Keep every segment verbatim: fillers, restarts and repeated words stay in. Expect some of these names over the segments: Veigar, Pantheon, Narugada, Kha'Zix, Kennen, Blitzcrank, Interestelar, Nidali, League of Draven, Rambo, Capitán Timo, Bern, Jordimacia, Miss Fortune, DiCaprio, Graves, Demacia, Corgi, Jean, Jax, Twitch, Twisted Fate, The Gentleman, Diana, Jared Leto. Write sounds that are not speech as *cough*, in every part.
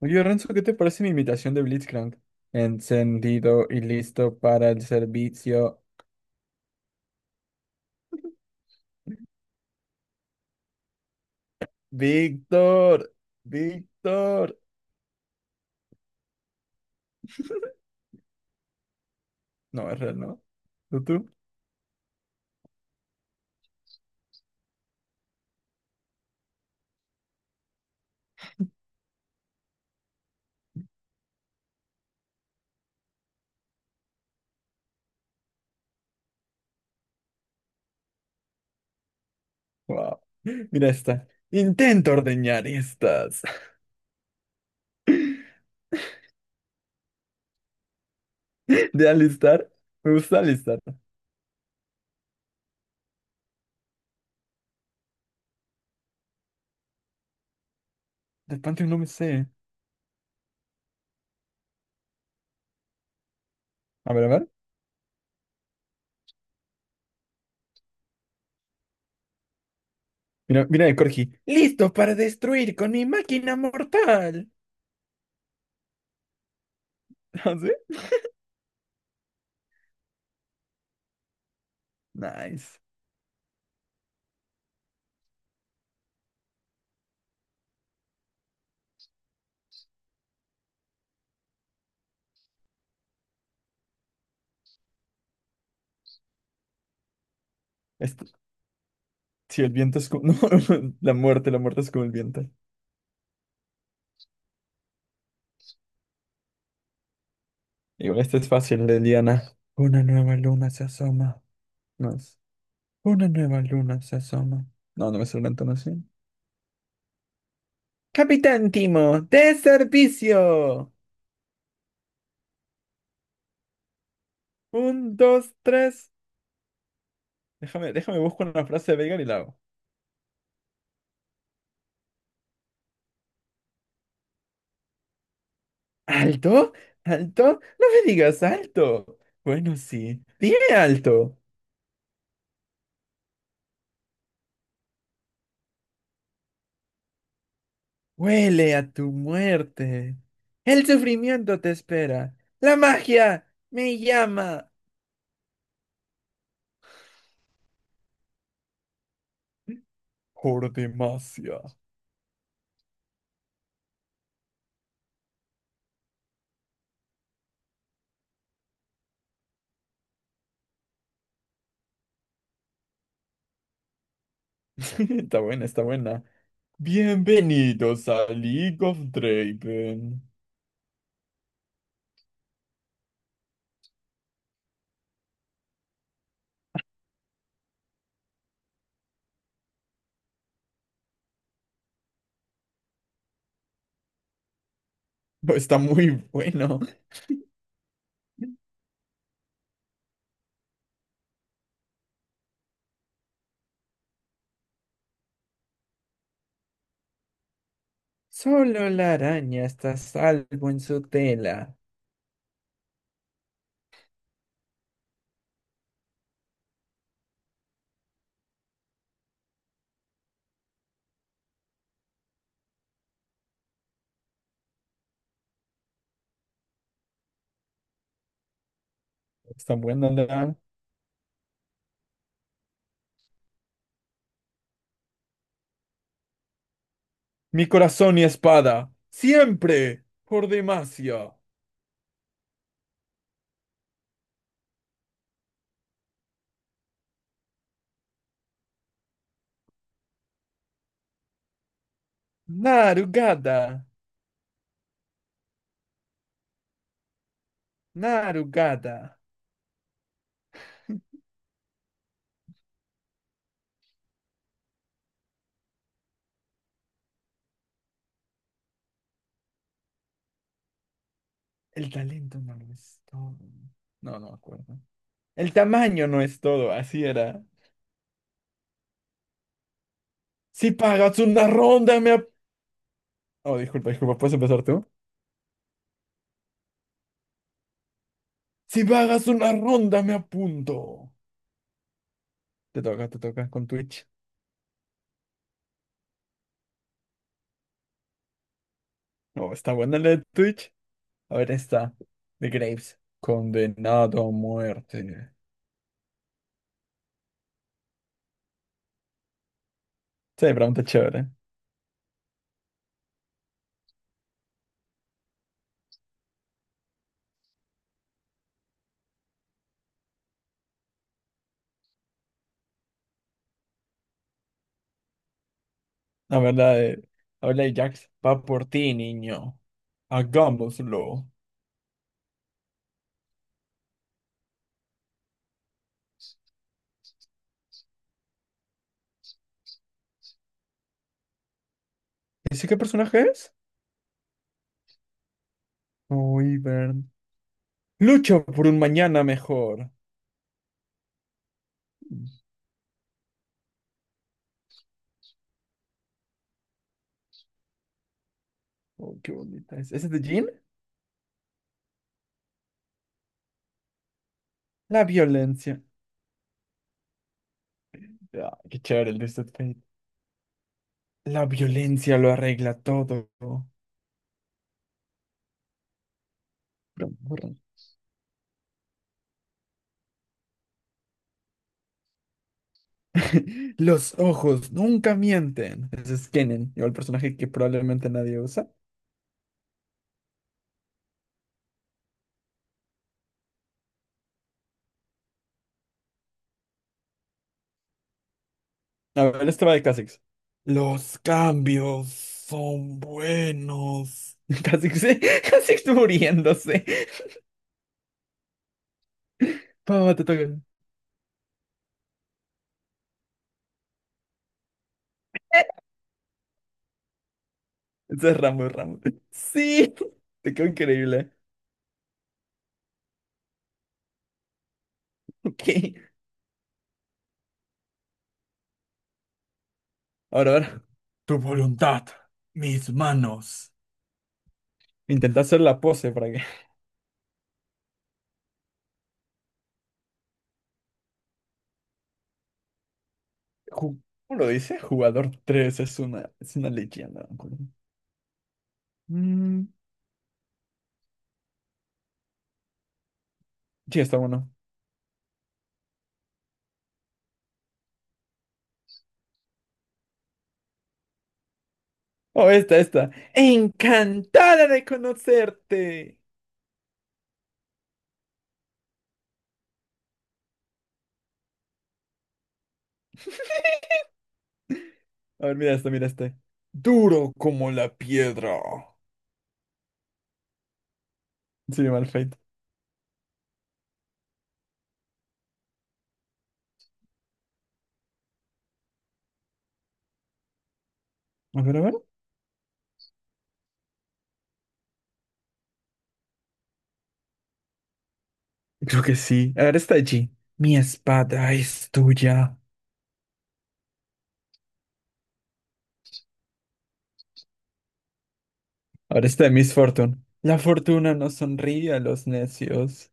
Oye, Renzo, ¿qué te parece mi imitación de Blitzcrank? Encendido y listo para el servicio. Víctor, Víctor. No, es real, ¿no? ¿Tú, tú? Wow. Mira esta. Intento ordeñar estas. *laughs* De alistar. Me gusta alistar. De Pantheon no me sé. A ver, a ver. Mira, mira de Corgi. Listo para destruir con mi máquina mortal. *laughs* ¿Ah, sí? Nice. Esto, si el viento es como... *laughs* No, la muerte, la muerte es como el viento. Igual este es fácil de Diana. Una nueva luna se asoma. No es. Una nueva luna se asoma. No, no me suena tan así. Capitán Timo, de servicio. Un, dos, tres. Déjame, déjame busco una frase de Veigar y la hago. ¿Alto? ¿Alto? No me digas alto. Bueno, sí. Dime alto. Huele a tu muerte. El sufrimiento te espera. La magia me llama. Jordimacia. *laughs* Está buena, está buena. Bienvenidos a League of Draven. *laughs* Está muy bueno. Solo la araña está a salvo en su tela. Está buena la. Mi corazón y espada. Siempre. Por Demacia. Narugada. Narugada. *laughs* El talento no lo es todo. No, no me acuerdo. El tamaño no es todo, así era. Si pagas una ronda, me... ap- Oh, disculpa, disculpa, ¿puedes empezar tú? Si pagas una ronda, me apunto. Te toca, te toca con Twitch. No, está buena la de Twitch. A ver, está. De Graves. Condenado a muerte. Sí, pregunta chévere. A ver, la de. A ver, la de Jax. Va por ti, niño. Hagámoslo. ¿Ese qué personaje es? Uy, Bern. Lucho por un mañana mejor. Oh, qué bonita es. ¿Ese es de Jean? La violencia. Ah, qué chévere el Twisted Fate. La violencia lo arregla todo. Perdón, perdón. *laughs* Los ojos nunca mienten. Ese es Kennen, igual el personaje que probablemente nadie usa. A ver, este va de Kha'Zix. Los cambios son buenos. *laughs* Kha'Zix, *laughs* Kha'Zix muriéndose. Papá, te toca. Ese es Rambo, Rambo. *laughs* Sí, te quedó increíble. Ok, ahora, ahora. Tu voluntad, mis manos. Intenta hacer la pose para que. Ju- ¿Cómo lo dice? Jugador tres es una, es una leyenda. ¿No? Mm, sí, está bueno. Oh, esta, esta. Encantada de conocerte. *laughs* A ver, mira este, mira este. Duro como la piedra. Sí, mal feito. A ver, a ver. Creo que sí. Ahora está esta. Mi espada es tuya. Ahora está de Miss Fortune. La fortuna no sonríe a los necios.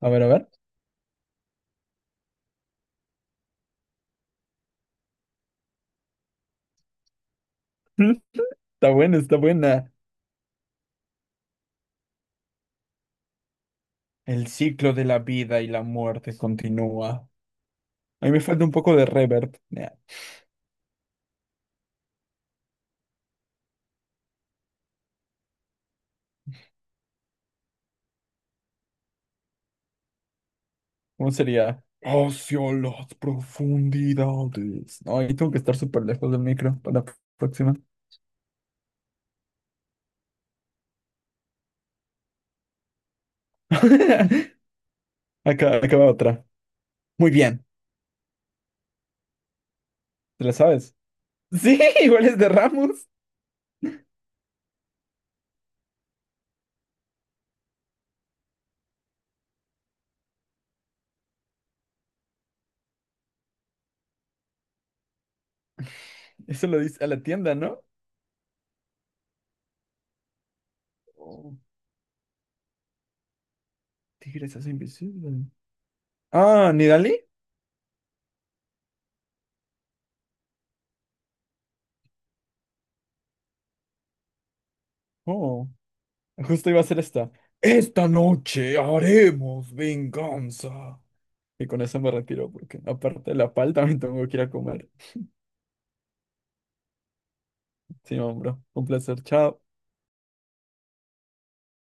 A ver, a ver. *laughs* Mm, está buena, está buena. El ciclo de la vida y la muerte continúa. A mí me falta un poco de reverb. ¿Cómo sería? Hacia las profundidades. No, ahí tengo que estar súper lejos del micro para la próxima. *laughs* Acá, acá va otra. Muy bien, ¿te la sabes? Sí, *laughs* igual es de Ramos. Eso lo dice a la tienda, ¿no? Oh, tigre se hace invisible. Ah, ¿Nidali? Oh, justo iba a ser esta. Esta noche haremos venganza. Y con eso me retiro porque aparte de la palta me tengo que ir a comer. Sí, hombre, un placer. Chao.